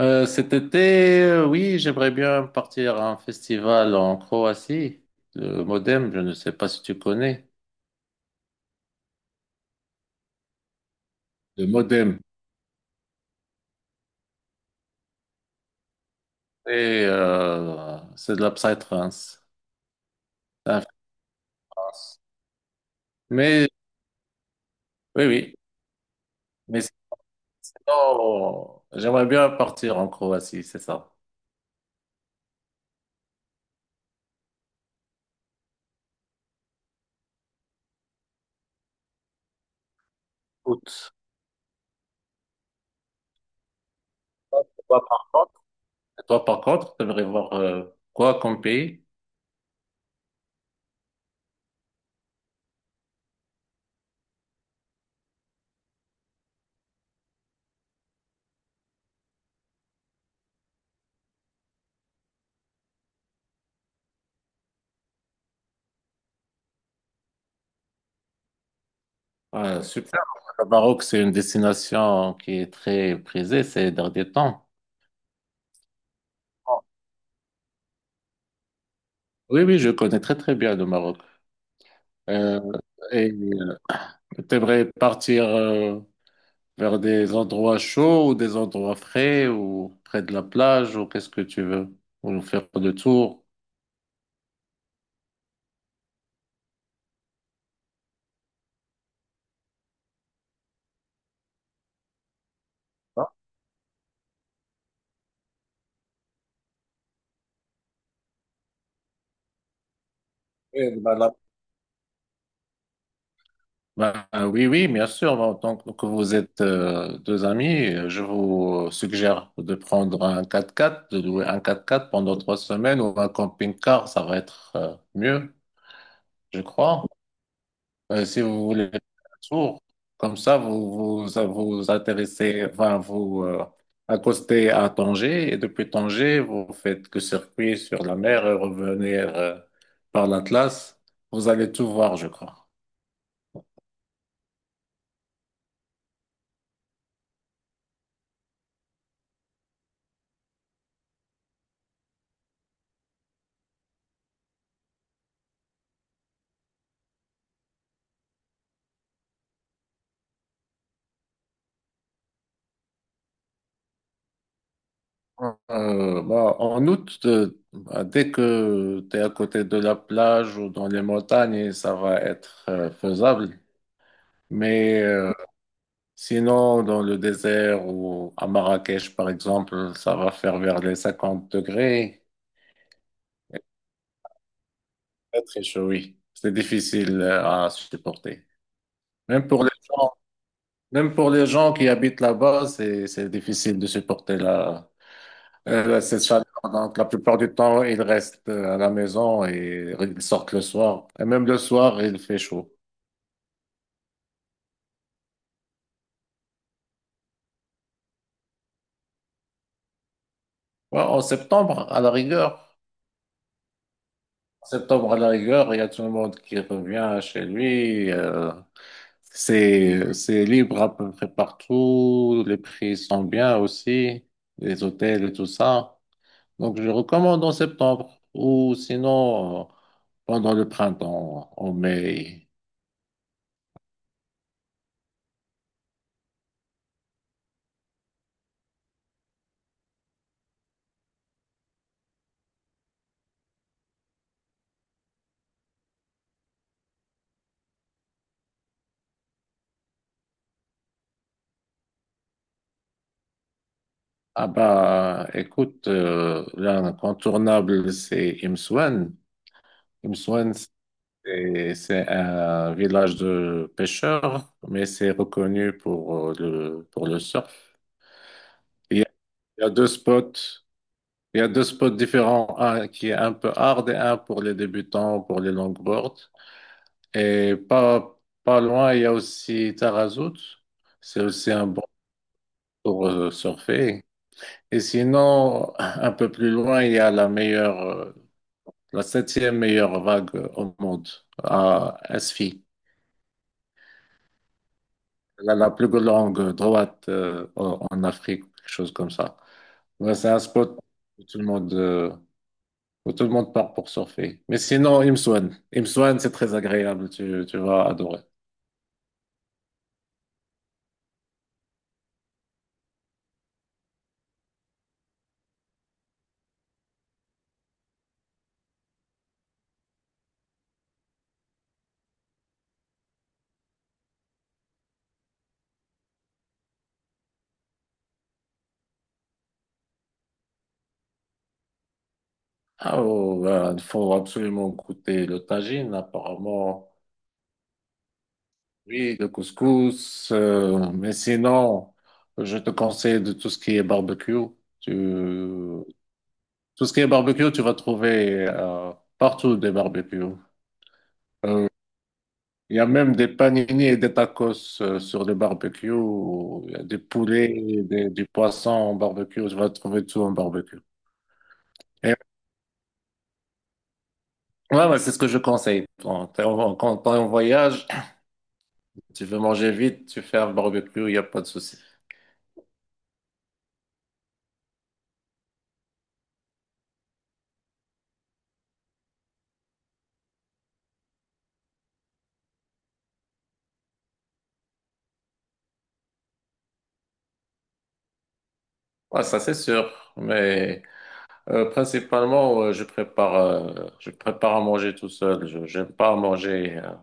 Cet été, oui, j'aimerais bien partir à un festival en Croatie, le Modem, je ne sais pas si tu connais. Le Modem. C'est de la psytrance, c'est en France. Mais oui, oui, mais sinon, j'aimerais bien partir en Croatie, c'est ça. Écoute, toi par contre, toi, par contre, t'aimerais voir quoi comme pays? Ah, super. Le Maroc, c'est une destination qui est très prisée ces derniers temps. Oui, oui, je connais très très bien le Maroc. Euh, et tu aimerais partir vers des endroits chauds ou des endroits frais ou près de la plage ou qu'est-ce que tu veux? Ou faire le tour? Ah, et bah, ben, oui, oui, bien sûr. Bah, en tant que vous êtes deux amis, je vous suggère de prendre un 4x4, de louer un 4x4 pendant 3 semaines ou un camping-car, ça va être mieux, je crois. Si vous voulez faire un tour, comme ça, ça vous intéressez, enfin, vous accostez à Tanger, et depuis Tanger, vous faites que circuit sur la mer et revenir par l'Atlas. Vous allez tout voir, je crois. Euh, Bah, en août, bah, dès que tu es à côté de la plage ou dans les montagnes, ça va être faisable. Mais sinon, dans le désert ou à Marrakech, par exemple, ça va faire vers les 50 degrés. Très, très chaud, oui. C'est difficile à supporter. Même pour les gens, même pour les gens qui habitent là-bas, c'est difficile de supporter la. C'est ça. Donc, la plupart du temps, ils restent à la maison et ils sortent le soir. Et même le soir, il fait chaud. Ouais, en septembre, à la rigueur, en septembre, à la rigueur, il y a tout le monde qui revient chez lui. C'est libre à peu près partout. Les prix sont bien aussi, les hôtels et tout ça. Donc, je recommande en septembre ou sinon pendant le printemps, en mai. Ah bah, écoute, l'incontournable, c'est Imsouane. Imsouane, c'est un village de pêcheurs, mais c'est reconnu pour pour le surf. Il y a, il y a deux spots, il y a deux spots différents, un qui est un peu hard et un pour les débutants, pour les longboards. Et pas loin, il y a aussi Tarazout. C'est aussi un bon pour surfer. Et sinon, un peu plus loin, il y a la septième meilleure vague au monde à SFI. La plus longue droite en Afrique, quelque chose comme ça. Ouais, c'est un spot où tout le monde, où tout le monde part pour surfer. Mais sinon, Imswan. Imswan, c'est très agréable, tu vas adorer. Ah, oh, ben, il faut absolument goûter le tagine, apparemment. Oui, le couscous. Mais sinon, je te conseille de tout ce qui est barbecue. Tu, Tout ce qui est barbecue, tu vas trouver partout des barbecues. Euh, Il y a même des panini et des tacos sur des barbecues. Il y a des poulets, du poisson en barbecue. Tu vas trouver tout en barbecue. Et, ouais, ouais, c'est ce que je conseille. Quand t'es en voyage, tu veux manger vite, tu fais un barbecue, il n'y a pas de souci. Ouais, ça c'est sûr, mais principalement je prépare à manger tout seul. Je j'aime pas manger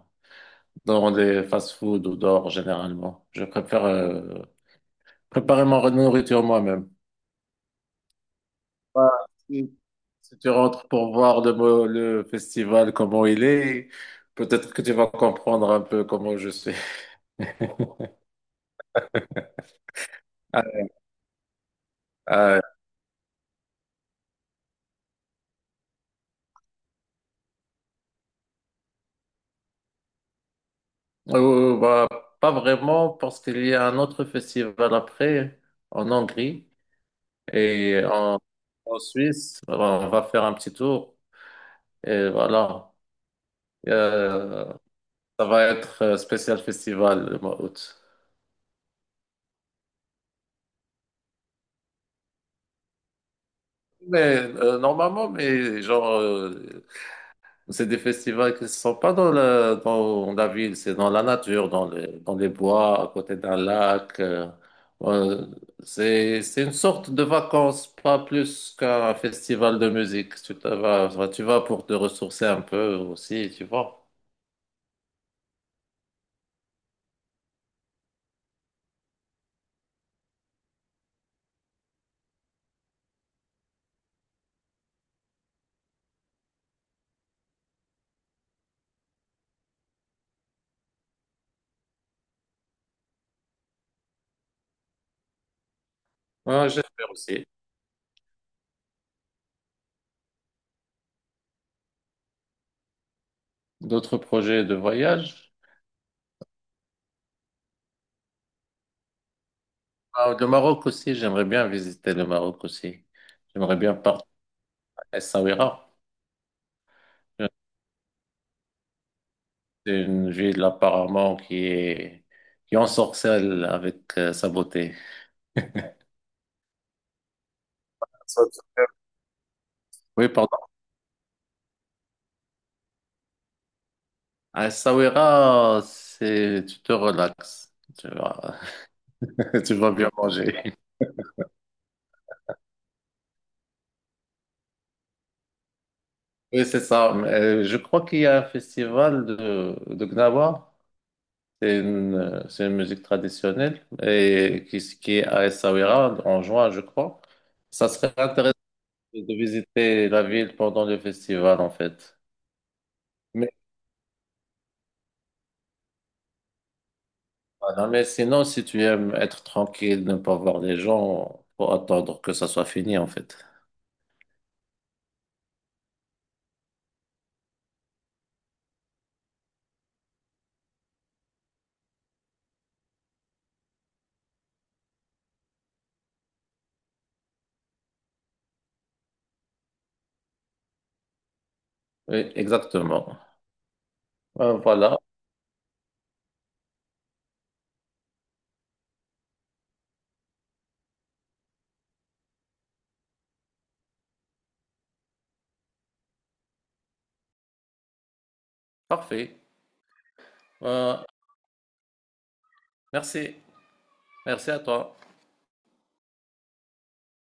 dans des fast-food ou dehors généralement. Je préfère préparer ma nourriture moi-même. Voilà. Si tu rentres pour voir le festival, comment il est, peut-être que tu vas comprendre un peu comment je suis. Ah, ah, bah, pas vraiment, parce qu'il y a un autre festival après, en Hongrie et en Suisse. Alors, on va faire un petit tour et voilà. Euh, Ça va être spécial festival le mois d'août. Mais normalement, mais genre c'est des festivals qui ne sont pas dans la ville, c'est dans la nature, dans les bois, à côté d'un lac. Euh, c'est une sorte de vacances, pas plus qu'un festival de musique. Enfin, tu vas pour te ressourcer un peu aussi, tu vois. Ouais, j'espère aussi. D'autres projets de voyage? Ah, le Maroc aussi, j'aimerais bien visiter le Maroc aussi. J'aimerais bien partir à Essaouira. C'est une ville apparemment qui ensorcelle avec sa beauté. Ça, Oui, pardon. À Essaouira, tu te relaxes. Tu vas, Tu vas bien manger. Oui, c'est ça. Mais, je crois qu'il y a un festival de Gnawa. C'est une musique traditionnelle et qui est à Essaouira en juin, je crois. Ça serait intéressant de visiter la ville pendant le festival, en fait. Mais Ah, non, mais sinon, si tu aimes être tranquille, ne pas voir les gens, faut attendre que ça soit fini, en fait. Oui, exactement. Voilà, parfait. Euh, Merci. Merci à toi.